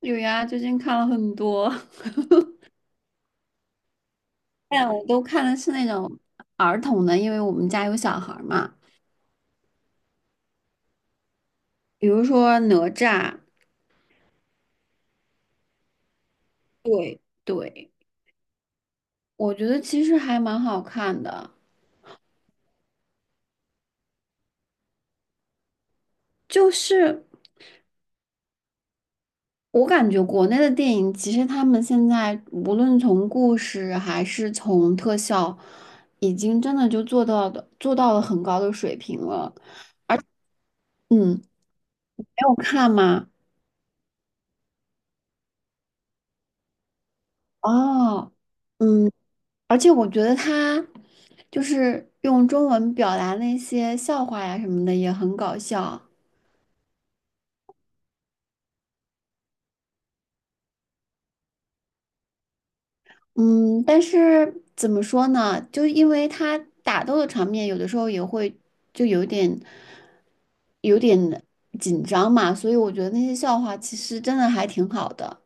有呀，最近看了很多，但我都看的是那种儿童的，因为我们家有小孩儿嘛。比如说哪吒，对对，我觉得其实还蛮好看的。就是我感觉国内的电影，其实他们现在无论从故事还是从特效，已经真的就做到了很高的水平了。嗯，没有看吗？哦。嗯。而且我觉得他就是用中文表达那些笑话呀什么的也很搞笑。嗯，但是怎么说呢？就因为他打斗的场面有的时候也会就有点紧张嘛，所以我觉得那些笑话其实真的还挺好的。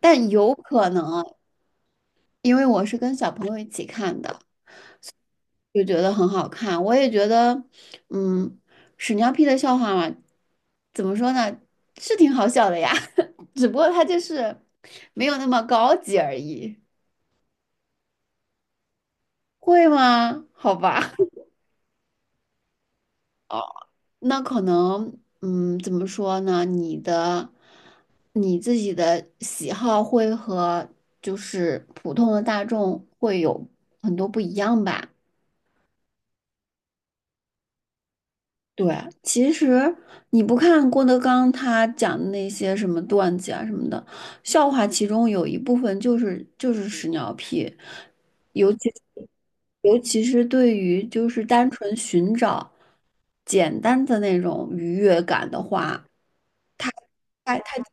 但有可能，因为我是跟小朋友一起看的。就觉得很好看。我也觉得，嗯，屎尿屁的笑话嘛，怎么说呢，是挺好笑的呀，只不过它就是没有那么高级而已。会吗？好吧，那可能，嗯，怎么说呢？你自己的喜好会和就是普通的大众会有很多不一样吧。对，其实你不看郭德纲他讲的那些什么段子啊什么的，笑话其中有一部分就是屎尿屁，尤其尤其是对于就是单纯寻找简单的那种愉悦感的话，他他他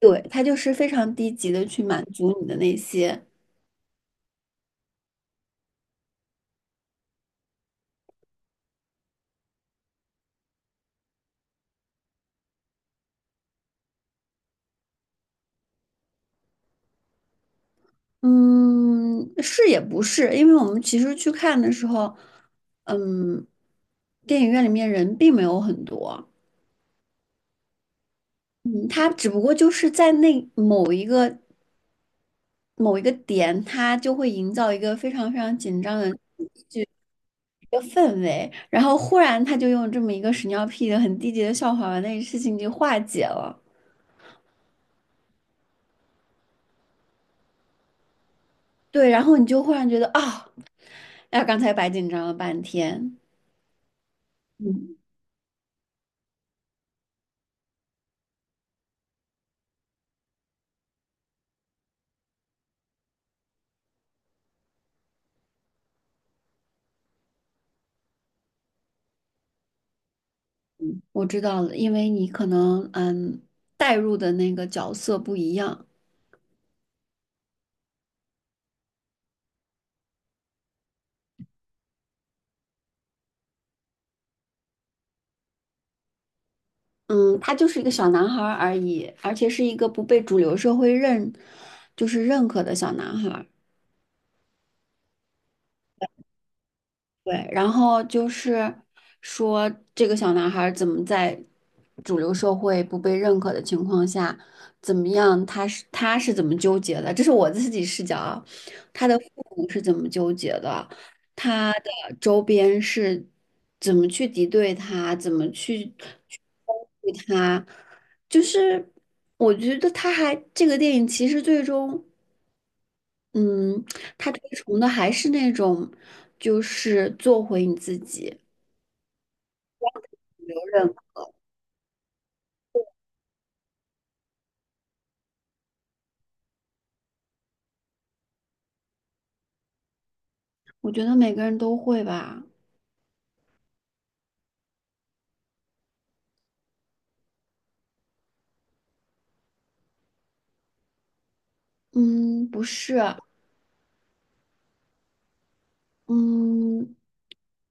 对他就是非常低级的去满足你的那些。嗯，是也不是，因为我们其实去看的时候，嗯，电影院里面人并没有很多，嗯，他只不过就是在那某一个点，他就会营造一个非常非常紧张的一个氛围，然后忽然他就用这么一个屎尿屁的很低级的笑话把那个事情给化解了。对，然后你就忽然觉得啊，哎呀刚才白紧张了半天。嗯，我知道了，因为你可能带入的那个角色不一样。嗯，他就是一个小男孩儿而已，而且是一个不被主流社会认，就是认可的小男孩儿。对，然后就是说，这个小男孩儿怎么在主流社会不被认可的情况下，怎么样？他是怎么纠结的？这是我自己视角啊，他的父母是怎么纠结的？他的周边是怎么去敌对他？怎么去攻击他？就是我觉得他还这个电影其实最终。嗯，他推崇的还是那种，就是做回你自己，留人我觉得每个人都会吧。嗯，不是，嗯，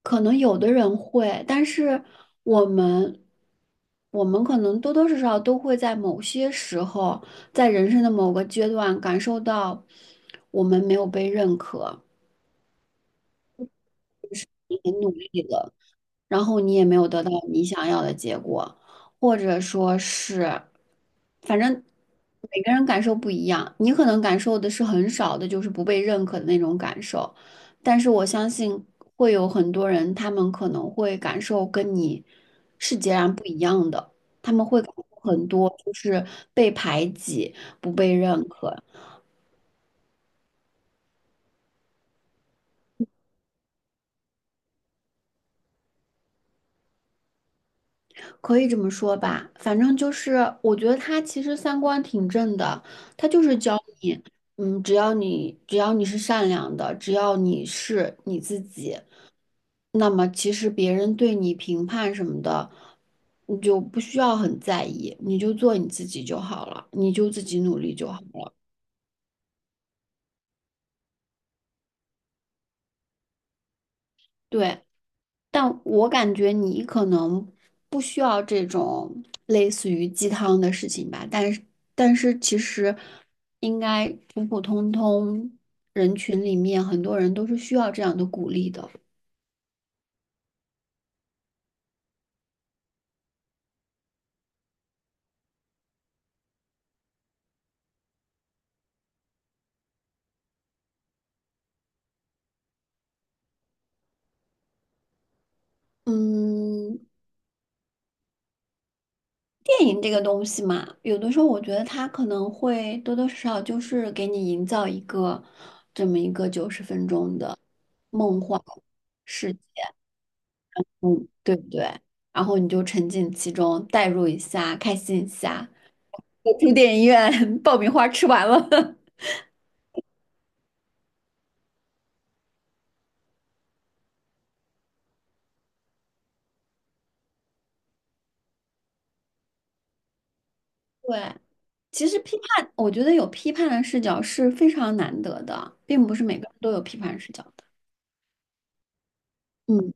可能有的人会，但是我们，我们可能多多少少都会在某些时候，在人生的某个阶段感受到我们没有被认可，你很努力了。然后你也没有得到你想要的结果，或者说是，反正每个人感受不一样，你可能感受的是很少的，就是不被认可的那种感受，但是我相信会有很多人，他们可能会感受跟你是截然不一样的，他们会感受很多就是被排挤、不被认可。可以这么说吧，反正就是我觉得他其实三观挺正的，他就是教你，嗯，只要你是善良的，只要你是你自己，那么其实别人对你评判什么的，你就不需要很在意，你就做你自己就好了，你就自己努力就好了。对，但我感觉你可能不需要这种类似于鸡汤的事情吧，但是其实应该普普通通人群里面很多人都是需要这样的鼓励的。嗯，电影这个东西嘛，有的时候我觉得它可能会多多少少就是给你营造一个这么一个90分钟的梦幻世界，嗯，对不对？然后你就沉浸其中，代入一下，开心一下。我住电影院，爆米花吃完了。对，其实批判，我觉得有批判的视角是非常难得的，并不是每个人都有批判视角的。嗯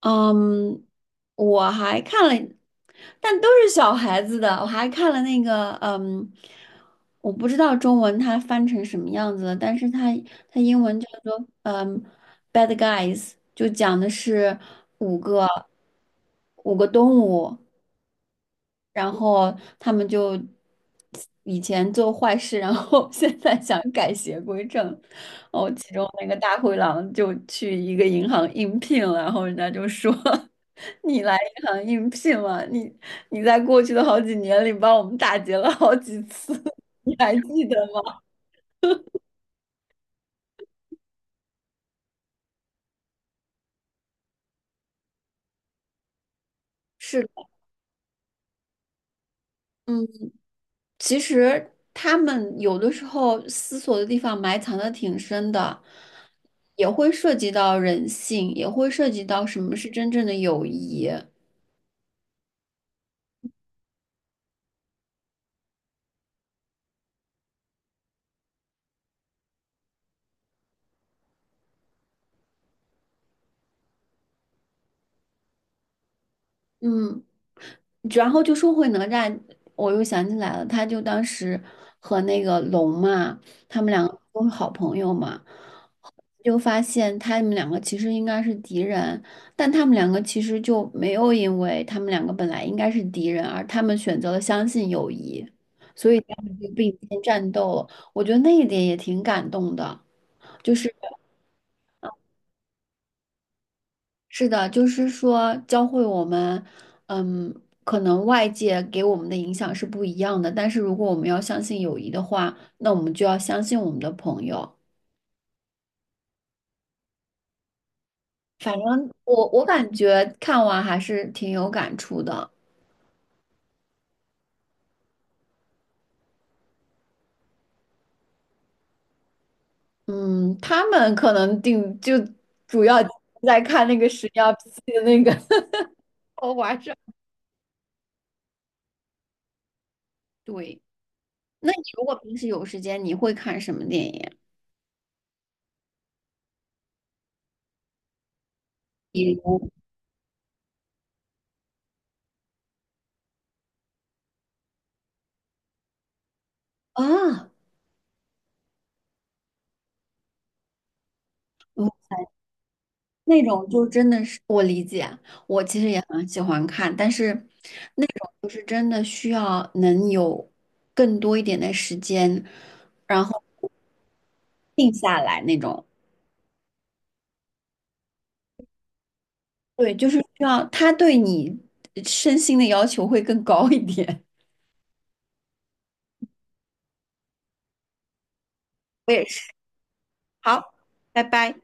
嗯，我还看了，但都是小孩子的，我还看了那个，嗯，我不知道中文它翻成什么样子了，但是它它英文叫做Bad Guys，就讲的是五个五个动物，然后他们就以前做坏事，然后 现在想改邪归正。哦，其中那个大灰狼就去一个银行应聘了，然后人家就说：你来银行应聘了，你在过去的好几年里帮我们打劫了好几次，你还记得吗？是的，嗯。其实他们有的时候思索的地方埋藏的挺深的，也会涉及到人性，也会涉及到什么是真正的友谊。嗯，然后就说回哪吒，我又想起来了，他就当时和那个龙嘛，他们两个都是好朋友嘛。就发现他们两个其实应该是敌人，但他们两个其实就没有因为他们两个本来应该是敌人，而他们选择了相信友谊，所以他们就并肩战斗了我觉得那一点也挺感动的，就是是的，就是说教会我们，嗯，可能外界给我们的影响是不一样的，但是如果我们要相信友谊的话，那我们就要相信我们的朋友。反正我感觉看完还是挺有感触的。嗯，他们可能定就主要在看那个屎尿屁的那个 豪华上 对，那你如果平时有时间，你会看什么电影？比如啊，嗯那种就真的是我理解，我其实也很喜欢看，但是就是真的需要能有更多一点的时间，然后定下来那种。对，就是需要他对你身心的要求会更高一点。我也是。好，拜拜。